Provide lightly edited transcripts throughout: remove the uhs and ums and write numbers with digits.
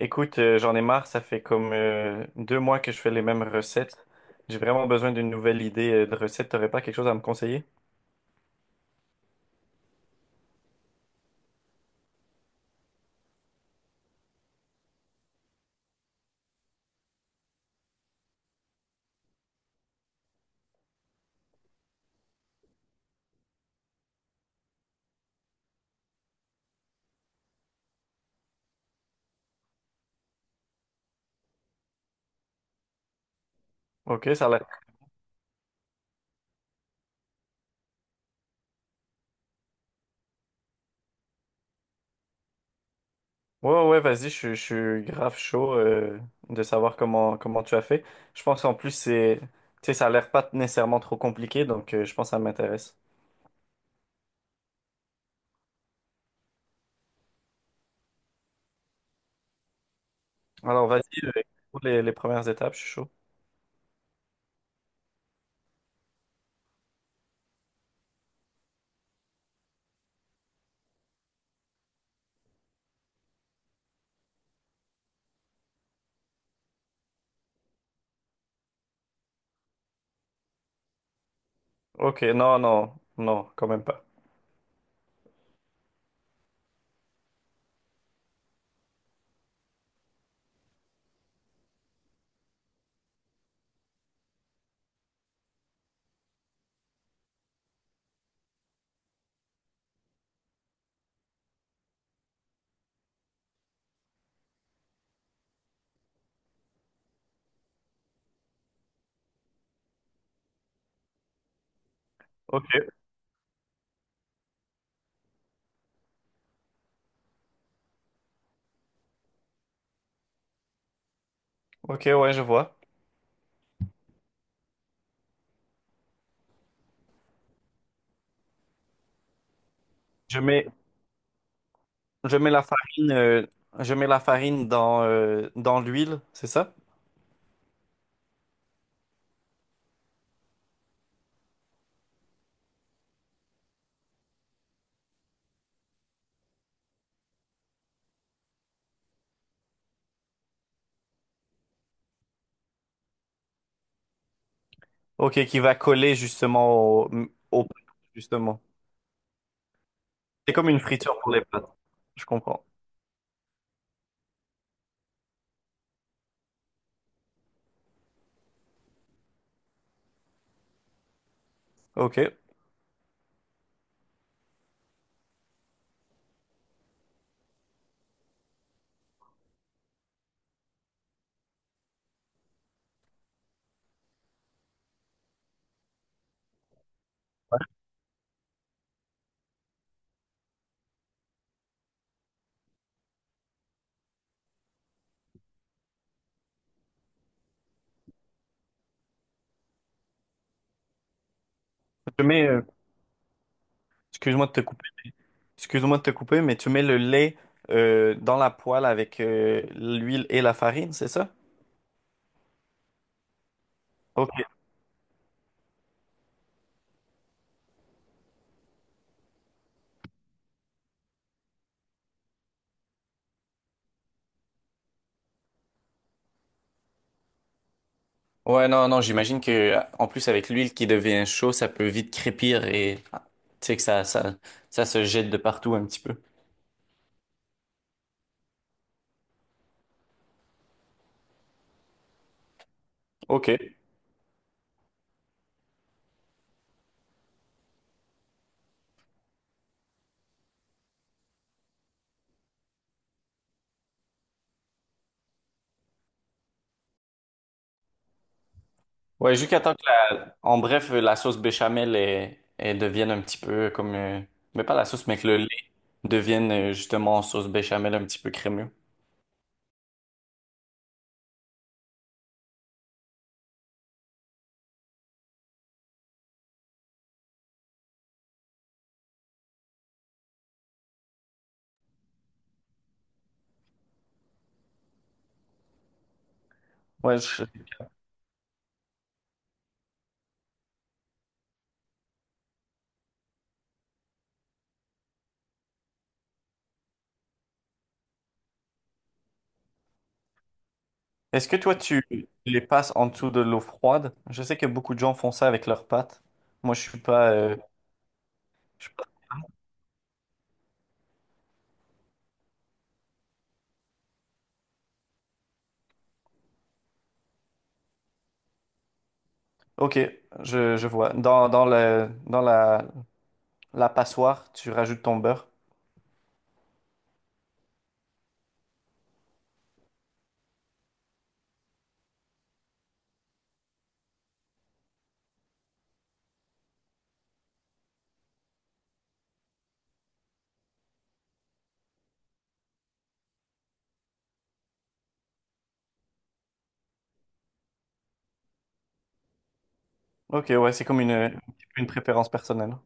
Écoute, j'en ai marre, ça fait comme deux mois que je fais les mêmes recettes. J'ai vraiment besoin d'une nouvelle idée de recette. T'aurais pas quelque chose à me conseiller? Ok, ça a l'air. Ouais, ouais, vas-y, je suis grave chaud, de savoir comment tu as fait. Je pense en plus, c'est, tu sais, ça a l'air pas nécessairement trop compliqué, donc je pense que ça m'intéresse. Alors, vas-y, pour les premières étapes, je suis chaud. Ok, non, non, non, quand même pas. Ok, ok, ouais, je vois. Je mets Je mets la farine, je mets la farine dans, dans l'huile, c'est ça? Ok, qui va coller justement au pâte, justement. C'est comme une friture pour les pâtes. Je comprends. Ok. Je mets, excuse-moi de te couper, mais- excuse-moi de te couper, mais tu mets le lait dans la poêle avec l'huile et la farine, c'est ça? Ok. Ouais, non, non, j'imagine que en plus avec l'huile qui devient chaud, ça peut vite crépir et ah, tu sais que ça se jette de partout un petit peu. Ok. Ouais, jusqu'à temps que la, en bref, la sauce béchamel est, elle devienne un petit peu comme, mais pas la sauce, mais que le lait devienne justement sauce béchamel un petit peu crémeux. Ouais, je- Est-ce que toi tu les passes en dessous de l'eau froide? Je sais que beaucoup de gens font ça avec leurs pâtes. Moi, je suis pas. Je suis pas- Ok, je vois. Dans la passoire, tu rajoutes ton beurre. Ok, ouais, c'est comme une préférence personnelle.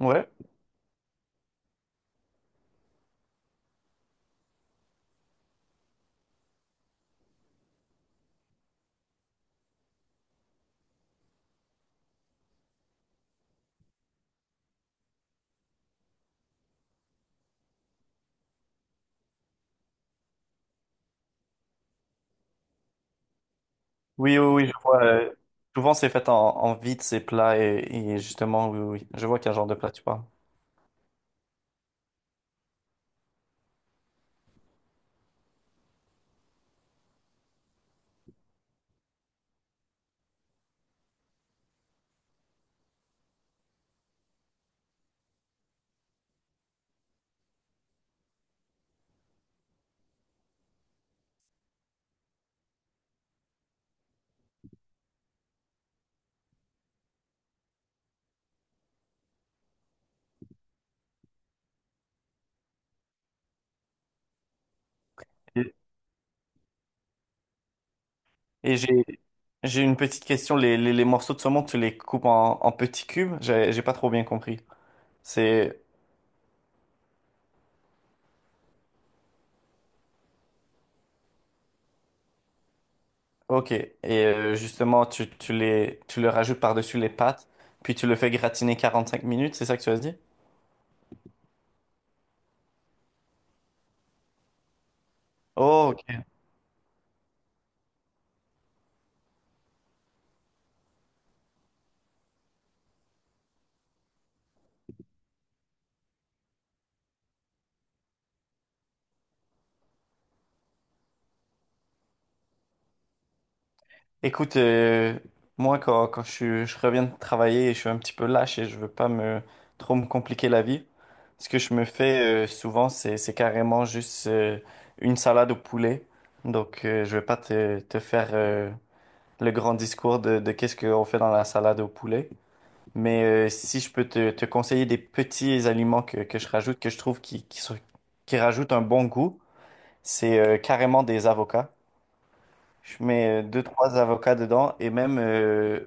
Ouais. Oui, oui, oui, je vois. Souvent, c'est fait en, en vide, ces plats. Et justement, oui, oui, je vois quel genre de plat tu parles. Et, et j'ai, j'ai une petite question. Les morceaux de saumon, tu les coupes en, en petits cubes? J'ai pas trop bien compris. C'est OK. Et justement, tu le rajoutes par-dessus les pâtes, puis tu le fais gratiner 45 minutes, c'est ça que tu as dit? Oh, OK. Écoute, moi quand je reviens de travailler, je suis un petit peu lâche et je veux pas me trop me compliquer la vie. Ce que je me fais souvent, c'est carrément juste une salade au poulet. Donc je vais pas te faire le grand discours de qu'est-ce qu'on fait dans la salade au poulet. Mais si je peux te conseiller des petits aliments que je rajoute, que je trouve qui rajoutent un bon goût, c'est carrément des avocats. Je mets deux, trois avocats dedans et même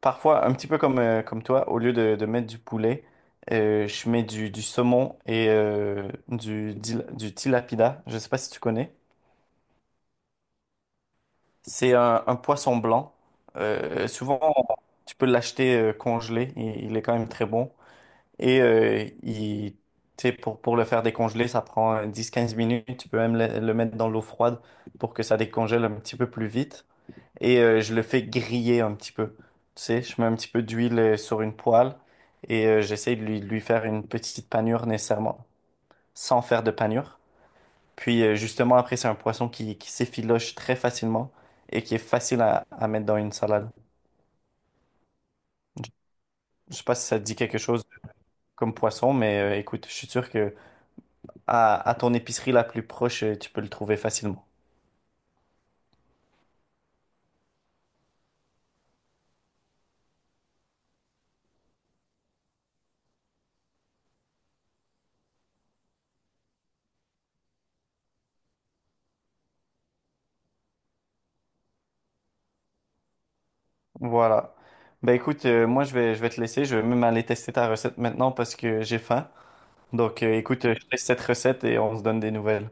parfois, un petit peu comme comme toi, au lieu de mettre du poulet, je mets du saumon et euh, du tilapia. Je sais pas si tu connais. C'est un poisson blanc. Souvent, tu peux l'acheter congelé. Il est quand même très bon. Et tu sais, pour le faire décongeler, ça prend 10-15 minutes. Tu peux même le mettre dans l'eau froide pour que ça décongèle un petit peu plus vite. Et je le fais griller un petit peu. Tu sais, je mets un petit peu d'huile sur une poêle et j'essaie de lui faire une petite panure nécessairement, sans faire de panure. Puis justement, après, c'est un poisson qui s'effiloche très facilement et qui est facile à mettre dans une salade. Je sais pas si ça te dit quelque chose comme poisson, mais écoute, je suis sûr que à ton épicerie la plus proche, tu peux le trouver facilement. Voilà. Ben écoute, euh, je vais te laisser, je vais même aller tester ta recette maintenant parce que j'ai faim. Donc, écoute, je teste cette recette et on se donne des nouvelles.